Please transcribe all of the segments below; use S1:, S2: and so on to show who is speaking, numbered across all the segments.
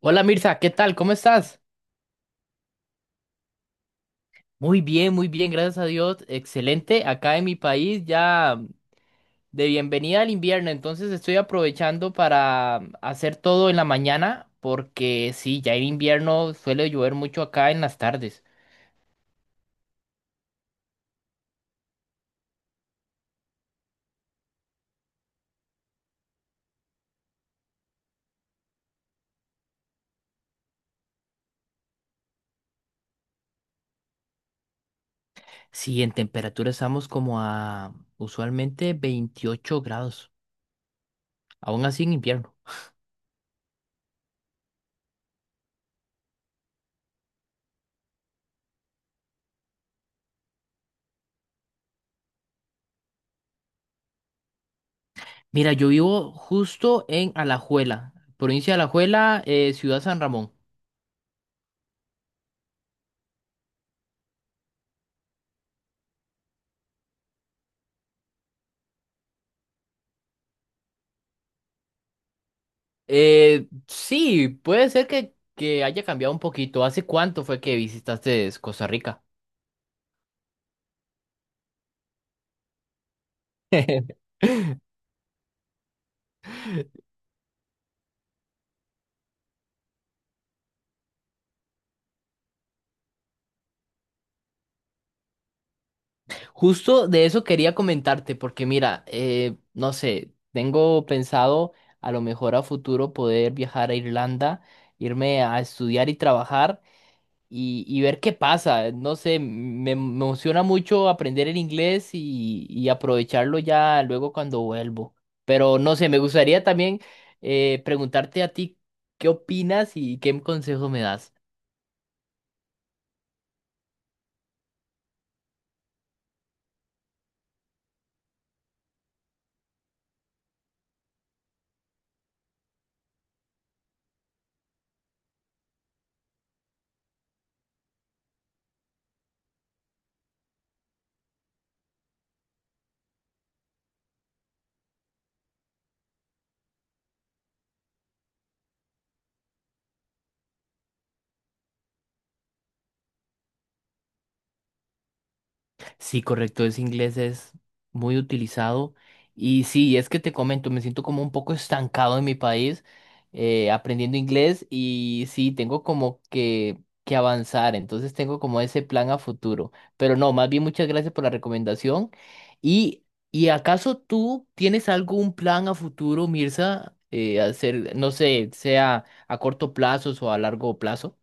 S1: Hola Mirza, ¿qué tal? ¿Cómo estás? Muy bien, gracias a Dios. Excelente. Acá en mi país ya de bienvenida al invierno, entonces estoy aprovechando para hacer todo en la mañana porque sí, ya en invierno suele llover mucho acá en las tardes. Sí, en temperatura estamos como a usualmente 28 grados, aún así en invierno. Mira, yo vivo justo en Alajuela, provincia de Alajuela, ciudad San Ramón. Sí, puede ser que haya cambiado un poquito. ¿Hace cuánto fue que visitaste Costa Rica? Justo de eso quería comentarte, porque mira, no sé, tengo pensado a lo mejor a futuro poder viajar a Irlanda, irme a estudiar y trabajar. Y ver qué pasa. No sé, me emociona mucho aprender el inglés y aprovecharlo ya luego cuando vuelvo. Pero no sé, me gustaría también preguntarte a ti qué opinas y qué consejo me das. Sí, correcto, ese inglés es muy utilizado. Y sí, es que te comento, me siento como un poco estancado en mi país aprendiendo inglés y sí, tengo como que avanzar, entonces tengo como ese plan a futuro. Pero no, más bien muchas gracias por la recomendación. ¿Y, y acaso tú tienes algún plan a futuro, Mirza, hacer, no sé, sea a corto plazo o a largo plazo?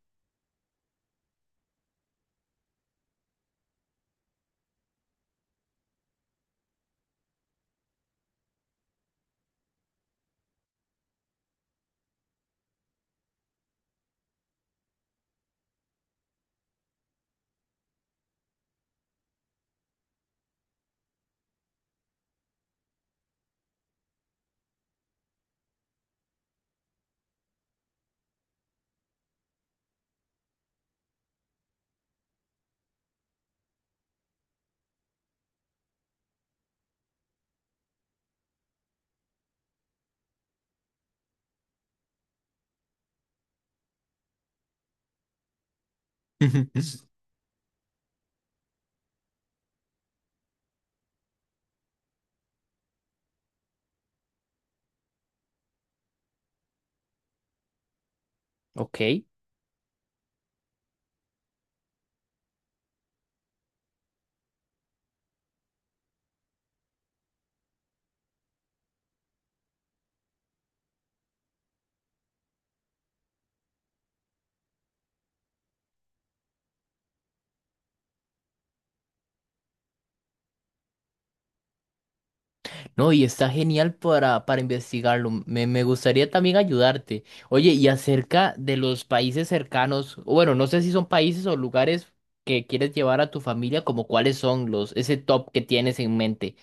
S1: Ok. No, y está genial para investigarlo. Me gustaría también ayudarte. Oye, y acerca de los países cercanos, o bueno, no sé si son países o lugares que quieres llevar a tu familia, como cuáles son ese top que tienes en mente.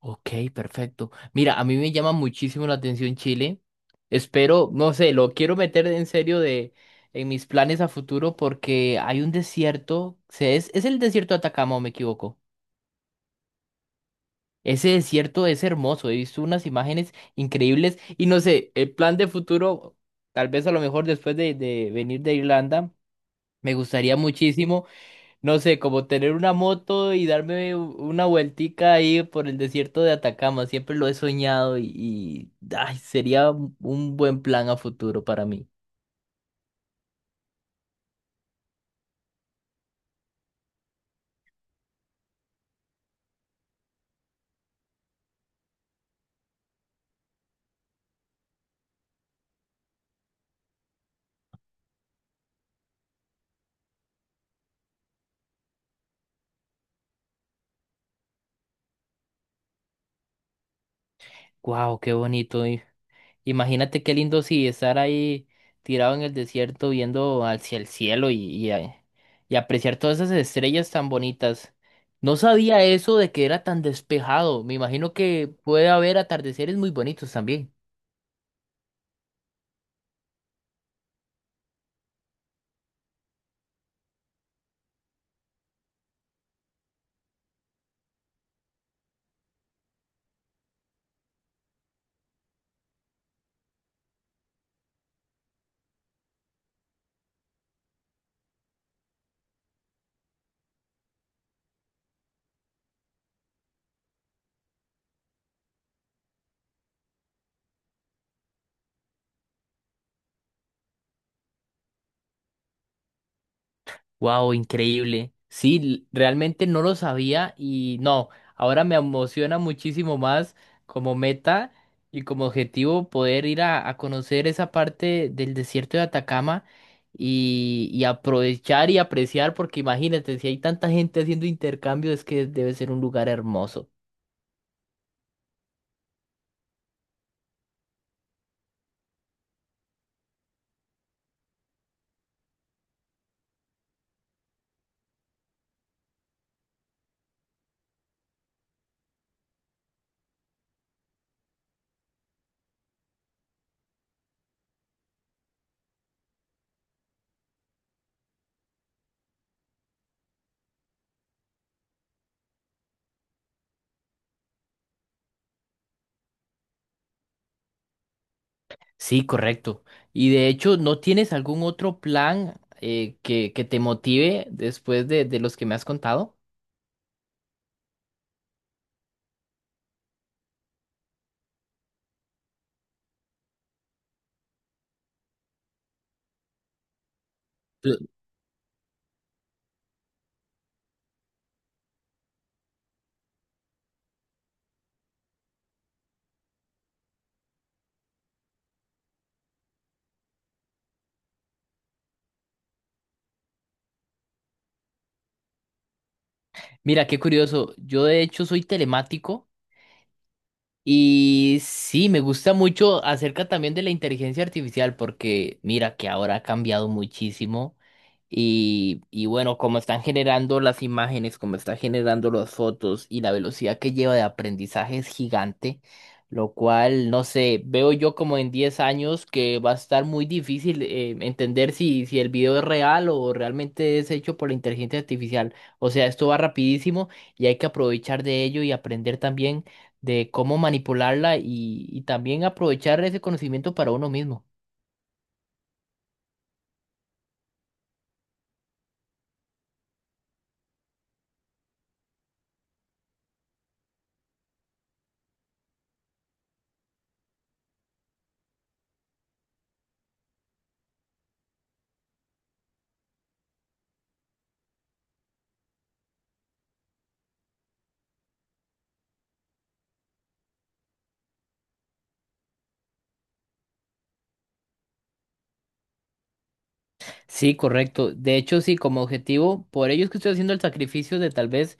S1: Ok, perfecto. Mira, a mí me llama muchísimo la atención Chile. Espero, no sé, lo quiero meter en serio en mis planes a futuro porque hay un desierto, es el desierto de Atacama, ¿o me equivoco? Ese desierto es hermoso, he visto unas imágenes increíbles y no sé, el plan de futuro, tal vez a lo mejor después de venir de Irlanda, me gustaría muchísimo, no sé, como tener una moto y darme una vueltica ahí por el desierto de Atacama, siempre lo he soñado y, ay, sería un buen plan a futuro para mí. Wow, qué bonito. Imagínate qué lindo si estar ahí tirado en el desierto viendo hacia el cielo y y apreciar todas esas estrellas tan bonitas. No sabía eso de que era tan despejado. Me imagino que puede haber atardeceres muy bonitos también. Wow, increíble. Sí, realmente no lo sabía y no, ahora me emociona muchísimo más como meta y como objetivo poder ir a conocer esa parte del desierto de Atacama y aprovechar y apreciar, porque imagínate, si hay tanta gente haciendo intercambio, es que debe ser un lugar hermoso. Sí, correcto. Y de hecho, ¿no tienes algún otro plan que te motive después de los que me has contado? Mira, qué curioso. Yo de hecho soy telemático. Y sí, me gusta mucho acerca también de la inteligencia artificial porque mira que ahora ha cambiado muchísimo y bueno, como están generando las imágenes, como están generando las fotos y la velocidad que lleva de aprendizaje es gigante, lo cual, no sé, veo yo como en 10 años que va a estar muy difícil entender si el video es real o realmente es hecho por la inteligencia artificial. O sea, esto va rapidísimo y hay que aprovechar de ello y aprender también de cómo manipularla y también aprovechar ese conocimiento para uno mismo. Sí, correcto. De hecho, sí, como objetivo, por ello es que estoy haciendo el sacrificio de tal vez,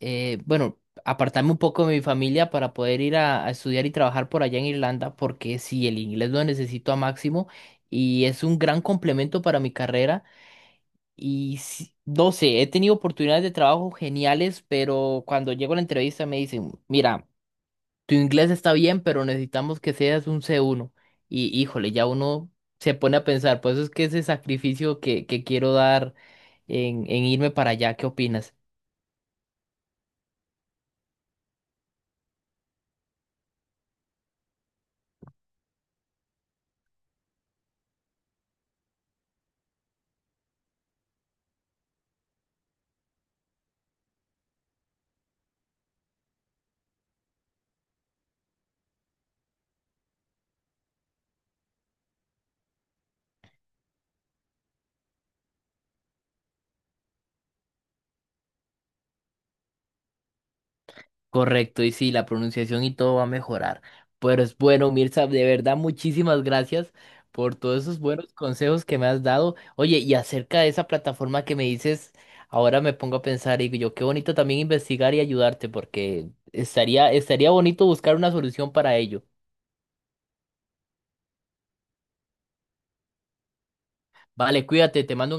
S1: eh, bueno, apartarme un poco de mi familia para poder ir a estudiar y trabajar por allá en Irlanda, porque sí, el inglés lo necesito a máximo y es un gran complemento para mi carrera. Y sí, no sé, he tenido oportunidades de trabajo geniales, pero cuando llego a la entrevista me dicen, mira, tu inglés está bien, pero necesitamos que seas un C1. Y híjole, ya uno se pone a pensar, por eso es que ese sacrificio que quiero dar en irme para allá, ¿qué opinas? Correcto, y sí, la pronunciación y todo va a mejorar. Pero es bueno, Mirza, de verdad, muchísimas gracias por todos esos buenos consejos que me has dado. Oye, y acerca de esa plataforma que me dices, ahora me pongo a pensar y digo yo, qué bonito también investigar y ayudarte, porque estaría bonito buscar una solución para ello. Vale, cuídate, te mando un